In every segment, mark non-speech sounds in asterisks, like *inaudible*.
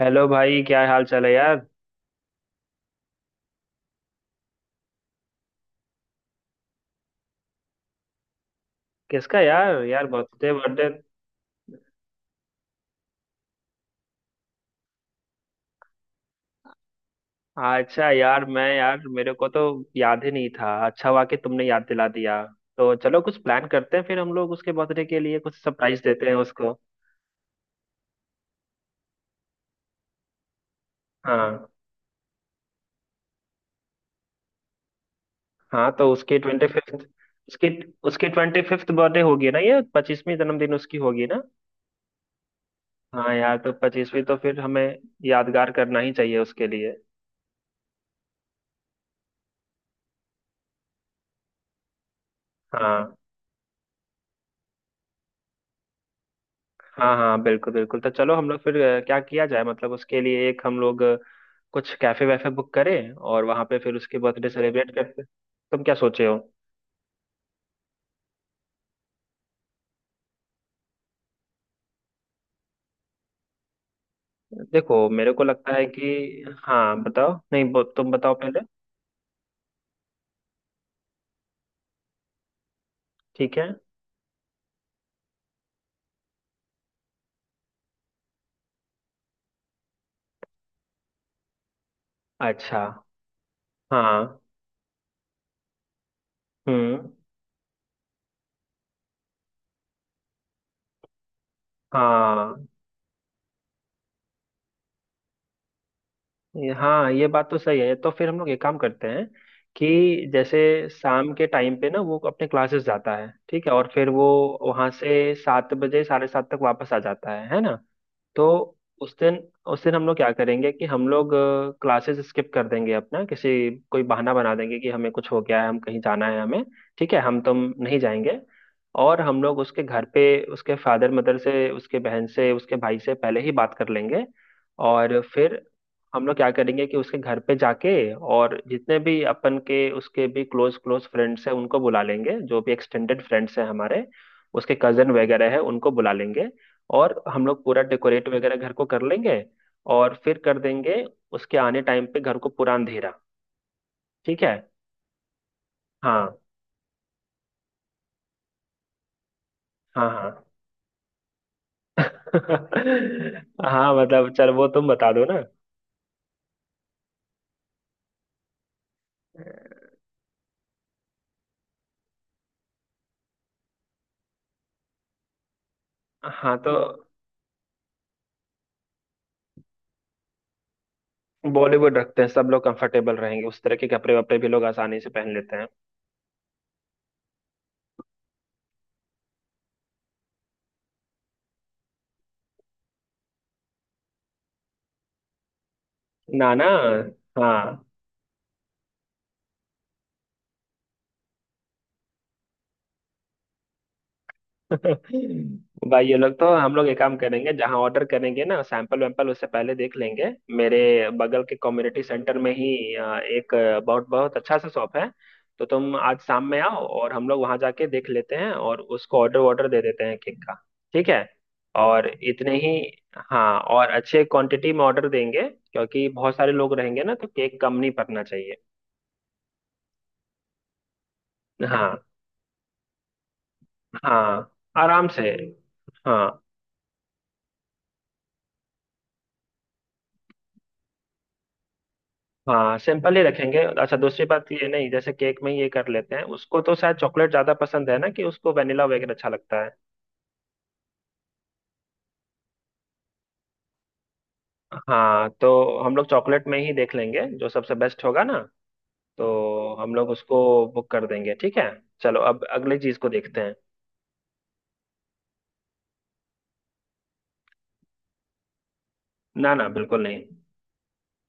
Hello भाई, क्या हाल चाल है यार। किसका यार, यार बर्थडे बर्थडे? अच्छा यार, मैं यार मेरे को तो याद ही नहीं था। अच्छा हुआ कि तुमने याद दिला दिया। तो चलो कुछ प्लान करते हैं, फिर हम लोग उसके बर्थडे के लिए कुछ सरप्राइज देते हैं उसको। हाँ। हाँ तो उसके 25वीं। उसकी उसकी 25वीं बर्थडे होगी ना, ये 25वीं जन्मदिन उसकी होगी ना। हाँ यार, तो 25वीं तो फिर हमें यादगार करना ही चाहिए उसके लिए। हाँ हाँ। हाँ बिल्कुल बिल्कुल, तो चलो हम लोग फिर क्या किया जाए। मतलब उसके लिए एक हम लोग कुछ कैफे वैफे बुक करें और वहां पे फिर उसके बर्थडे सेलिब्रेट करते। तुम क्या सोचे हो? देखो, मेरे को लगता है कि, हाँ बताओ, नहीं तुम बताओ पहले। ठीक है। अच्छा। हाँ। हम्म। हाँ। हाँ, ये बात तो सही है। तो फिर हम लोग एक काम करते हैं कि, जैसे शाम के टाइम पे ना वो अपने क्लासेस जाता है, ठीक है, और फिर वो वहां से 7 बजे, 7:30 तक वापस आ जाता है ना। तो उस दिन, उस दिन हम लोग क्या करेंगे कि हम लोग क्लासेस स्किप कर देंगे अपना, किसी कोई बहाना बना देंगे कि हमें कुछ हो गया है, हम कहीं जाना है हमें, ठीक है, हम तुम नहीं जाएंगे। और हम लोग उसके घर पे, उसके फादर मदर से, उसके बहन से, उसके भाई से पहले ही बात कर लेंगे। और फिर हम लोग क्या करेंगे कि उसके घर पे जाके, और जितने भी अपन के, उसके भी क्लोज क्लोज फ्रेंड्स हैं उनको बुला लेंगे, जो भी एक्सटेंडेड फ्रेंड्स हैं हमारे, उसके कजन वगैरह है उनको बुला लेंगे। और हम लोग पूरा डेकोरेट वगैरह घर को कर लेंगे और फिर कर देंगे उसके आने टाइम पे घर को पूरा अंधेरा। ठीक है। हाँ। हाँ। हाँ। *laughs* हाँ मतलब, चल वो तुम बता दो ना। हाँ तो बॉलीवुड रखते हैं, सब लोग कंफर्टेबल रहेंगे। उस तरह के कपड़े वपड़े भी लोग आसानी से पहन लेते हैं। ना ना। हाँ। *laughs* भाई ये लोग, तो हम लोग एक काम करेंगे, जहाँ ऑर्डर करेंगे ना, सैंपल वैम्पल उससे पहले देख लेंगे। मेरे बगल के कम्युनिटी सेंटर में ही एक बहुत बहुत अच्छा सा शॉप है। तो तुम आज शाम में आओ और हम लोग वहाँ जाके देख लेते हैं और उसको ऑर्डर वॉर्डर दे देते हैं केक का। ठीक है। और इतने ही। हाँ, और अच्छे क्वांटिटी में ऑर्डर देंगे क्योंकि बहुत सारे लोग रहेंगे ना, तो केक कम नहीं पकना चाहिए। हाँ। हाँ आराम से। हाँ। हाँ सिंपल ही रखेंगे। अच्छा दूसरी बात, ये, नहीं जैसे केक में ये कर लेते हैं, उसको तो शायद चॉकलेट ज्यादा पसंद है ना, कि उसको वेनिला वगैरह अच्छा लगता है। हाँ, तो हम लोग चॉकलेट में ही देख लेंगे जो सबसे बेस्ट होगा ना, तो हम लोग उसको बुक कर देंगे। ठीक है, चलो अब अगली चीज को देखते हैं। ना ना बिल्कुल नहीं।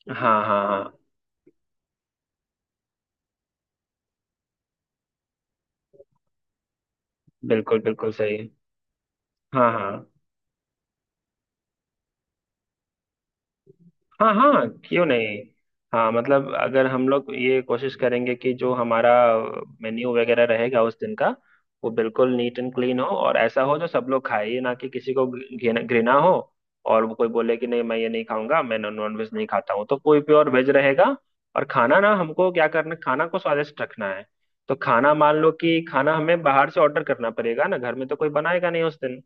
हाँ हाँ हाँ। बिल्कुल बिल्कुल सही। हाँ हाँ। हाँ हाँ क्यों नहीं। हाँ मतलब, अगर हम लोग ये कोशिश करेंगे कि जो हमारा मेन्यू वगैरह रहेगा उस दिन का, वो बिल्कुल नीट एंड क्लीन हो, और ऐसा हो जो सब लोग खाए, ये ना कि किसी को घृणा हो और वो कोई बोले कि नहीं मैं ये नहीं खाऊंगा, मैं नॉन वेज नहीं खाता हूँ, तो कोई प्योर वेज रहेगा। और खाना ना, हमको क्या करना, खाना को स्वादिष्ट रखना है। तो खाना, मान लो कि खाना हमें बाहर से ऑर्डर करना पड़ेगा ना, घर में तो कोई बनाएगा नहीं उस दिन।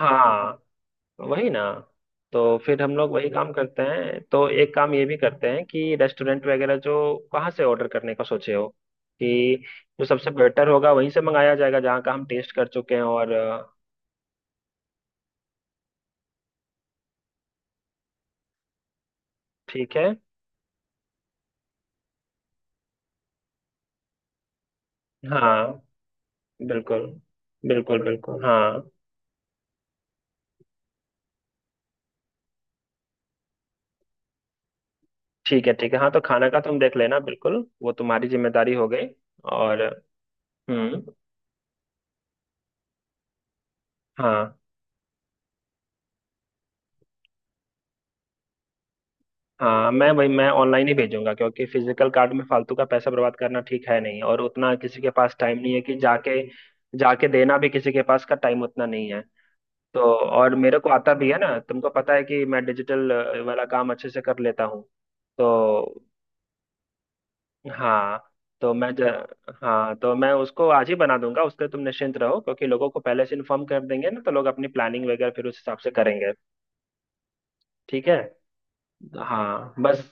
हाँ वही ना, तो फिर हम लोग वही काम करते हैं, तो एक काम ये भी करते हैं कि, रेस्टोरेंट वगैरह जो, कहाँ से ऑर्डर करने का सोचे हो, कि जो सबसे बेटर होगा वहीं से मंगाया जाएगा, जहाँ का हम टेस्ट कर चुके हैं और ठीक है। हाँ बिल्कुल। बिल्कुल बिल्कुल हाँ। ठीक है, ठीक है। हाँ तो खाना का तुम देख लेना बिल्कुल, वो तुम्हारी जिम्मेदारी हो गई। और। हम्म। हाँ। हाँ, मैं भाई, मैं ऑनलाइन ही भेजूंगा, क्योंकि फिजिकल कार्ड में फालतू का पैसा बर्बाद करना ठीक है नहीं, और उतना किसी के पास टाइम नहीं है कि जाके, जाके देना भी किसी के पास का टाइम उतना नहीं है। तो, और मेरे को आता भी है ना, तुमको पता है कि मैं डिजिटल वाला काम अच्छे से कर लेता हूँ तो। हाँ। तो हाँ तो मैं उसको आज ही बना दूंगा। उसके तुम निश्चिंत रहो, क्योंकि लोगों को पहले से इन्फॉर्म कर देंगे ना, तो लोग अपनी प्लानिंग वगैरह फिर उस हिसाब से करेंगे। ठीक है। हाँ बस।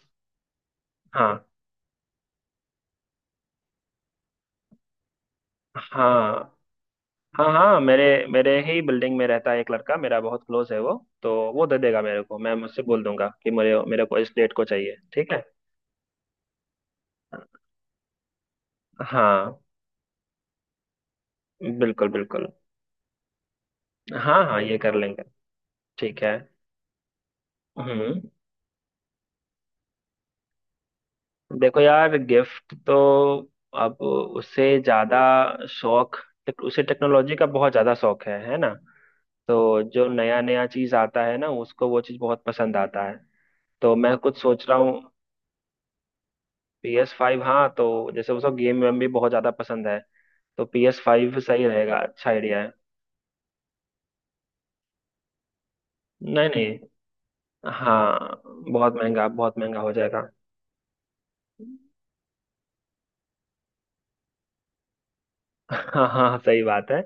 हाँ हाँ। हाँ हाँ। मेरे मेरे ही बिल्डिंग में रहता है एक लड़का, मेरा बहुत क्लोज है वो, तो वो दे देगा मेरे को। मैं मुझसे बोल दूंगा कि मेरे मेरे को इस डेट को चाहिए, ठीक है। हाँ बिल्कुल बिल्कुल। हाँ हाँ ये कर लेंगे। ठीक है। हम्म। देखो यार, गिफ्ट तो अब, उससे ज्यादा शौक, उसे टेक्नोलॉजी का बहुत ज्यादा शौक है ना। तो जो नया नया चीज आता है ना, उसको वो चीज बहुत पसंद आता है, तो मैं कुछ सोच रहा हूँ। PS5, हाँ तो जैसे उसको गेम वेम भी बहुत ज्यादा पसंद है, तो PS5 सही रहेगा, अच्छा आइडिया है। नहीं नहीं। हाँ बहुत महंगा, बहुत महंगा हो जाएगा। हाँ हाँ हाँ, सही बात है।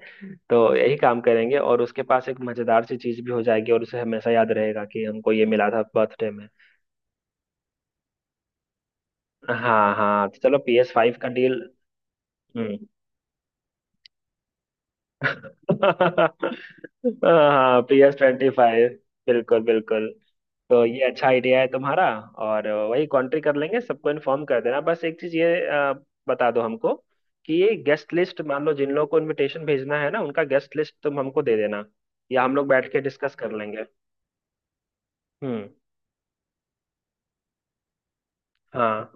तो यही काम करेंगे और उसके पास एक मजेदार सी चीज भी हो जाएगी, और उसे हमेशा याद रहेगा कि हमको ये मिला था बर्थडे में। हाँ हाँ, तो चलो, PS5 का डील। हम्म। *laughs* हाँ, PS25। बिल्कुल बिल्कुल। तो ये अच्छा आइडिया है तुम्हारा, और वही कॉन्ट्री कर लेंगे, सबको इन्फॉर्म कर देना। बस एक चीज ये बता दो हमको, कि ये गेस्ट लिस्ट, मान लो जिन लोगों को इनविटेशन भेजना है ना, उनका गेस्ट लिस्ट तुम हमको दे देना, या हम लोग बैठ के डिस्कस कर लेंगे। हम्म। हाँ।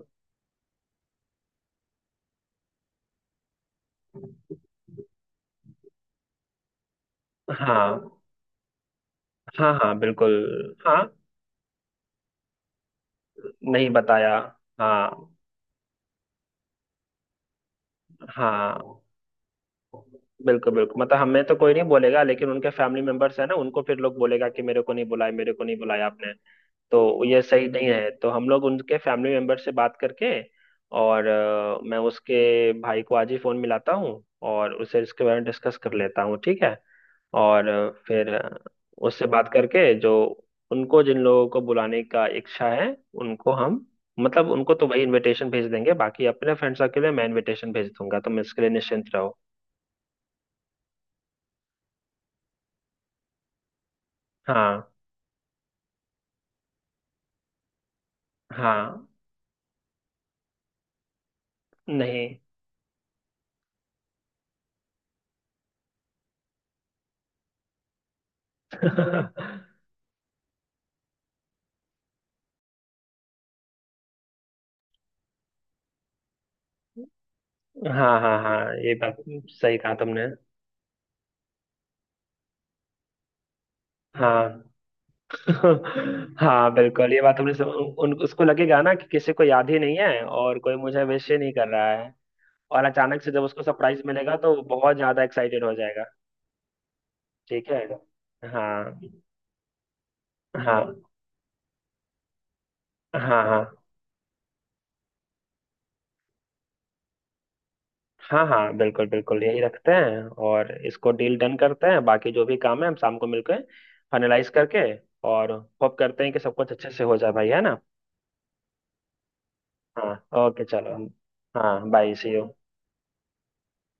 हाँ हाँ। हाँ बिल्कुल। हाँ, नहीं बताया। हाँ। हाँ बिल्कुल बिल्कुल, मतलब हमें तो कोई नहीं बोलेगा, लेकिन उनके फैमिली मेंबर्स है ना, उनको फिर लोग बोलेगा कि मेरे को नहीं बुलाया, मेरे को नहीं बुलाया आपने। तो ये सही नहीं है, तो हम लोग उनके फैमिली मेंबर से बात करके, और मैं उसके भाई को आज ही फोन मिलाता हूँ और उसे इसके बारे में डिस्कस कर लेता हूँ, ठीक है। और फिर उससे बात करके, जो उनको, जिन लोगों को बुलाने का इच्छा है, उनको हम, मतलब उनको तो वही इनविटेशन भेज देंगे। बाकी अपने फ्रेंड्स के लिए मैं इनविटेशन भेज दूंगा, तुम इसके लिए निश्चिंत रहो। हाँ। हाँ। नहीं। *laughs* हाँ हाँ हाँ ये बात। सही कहा तुमने। हाँ हाँ बिल्कुल ये बात हमने उसको लगेगा ना कि किसी को याद ही नहीं है, और कोई मुझे विश ही नहीं कर रहा है। और अचानक से जब उसको सरप्राइज मिलेगा तो वो बहुत ज्यादा एक्साइटेड हो जाएगा। ठीक है। हाँ। हाँ हाँ हाँ हाँ। हाँ बिल्कुल बिल्कुल, यही रखते हैं, और इसको डील डन करते हैं। बाकी जो भी काम है हम शाम को मिलकर फाइनलाइज करके, और होप करते हैं कि सब कुछ अच्छे से हो जाए भाई, है ना। हाँ, ओके चलो। हाँ, बाय, सी यू।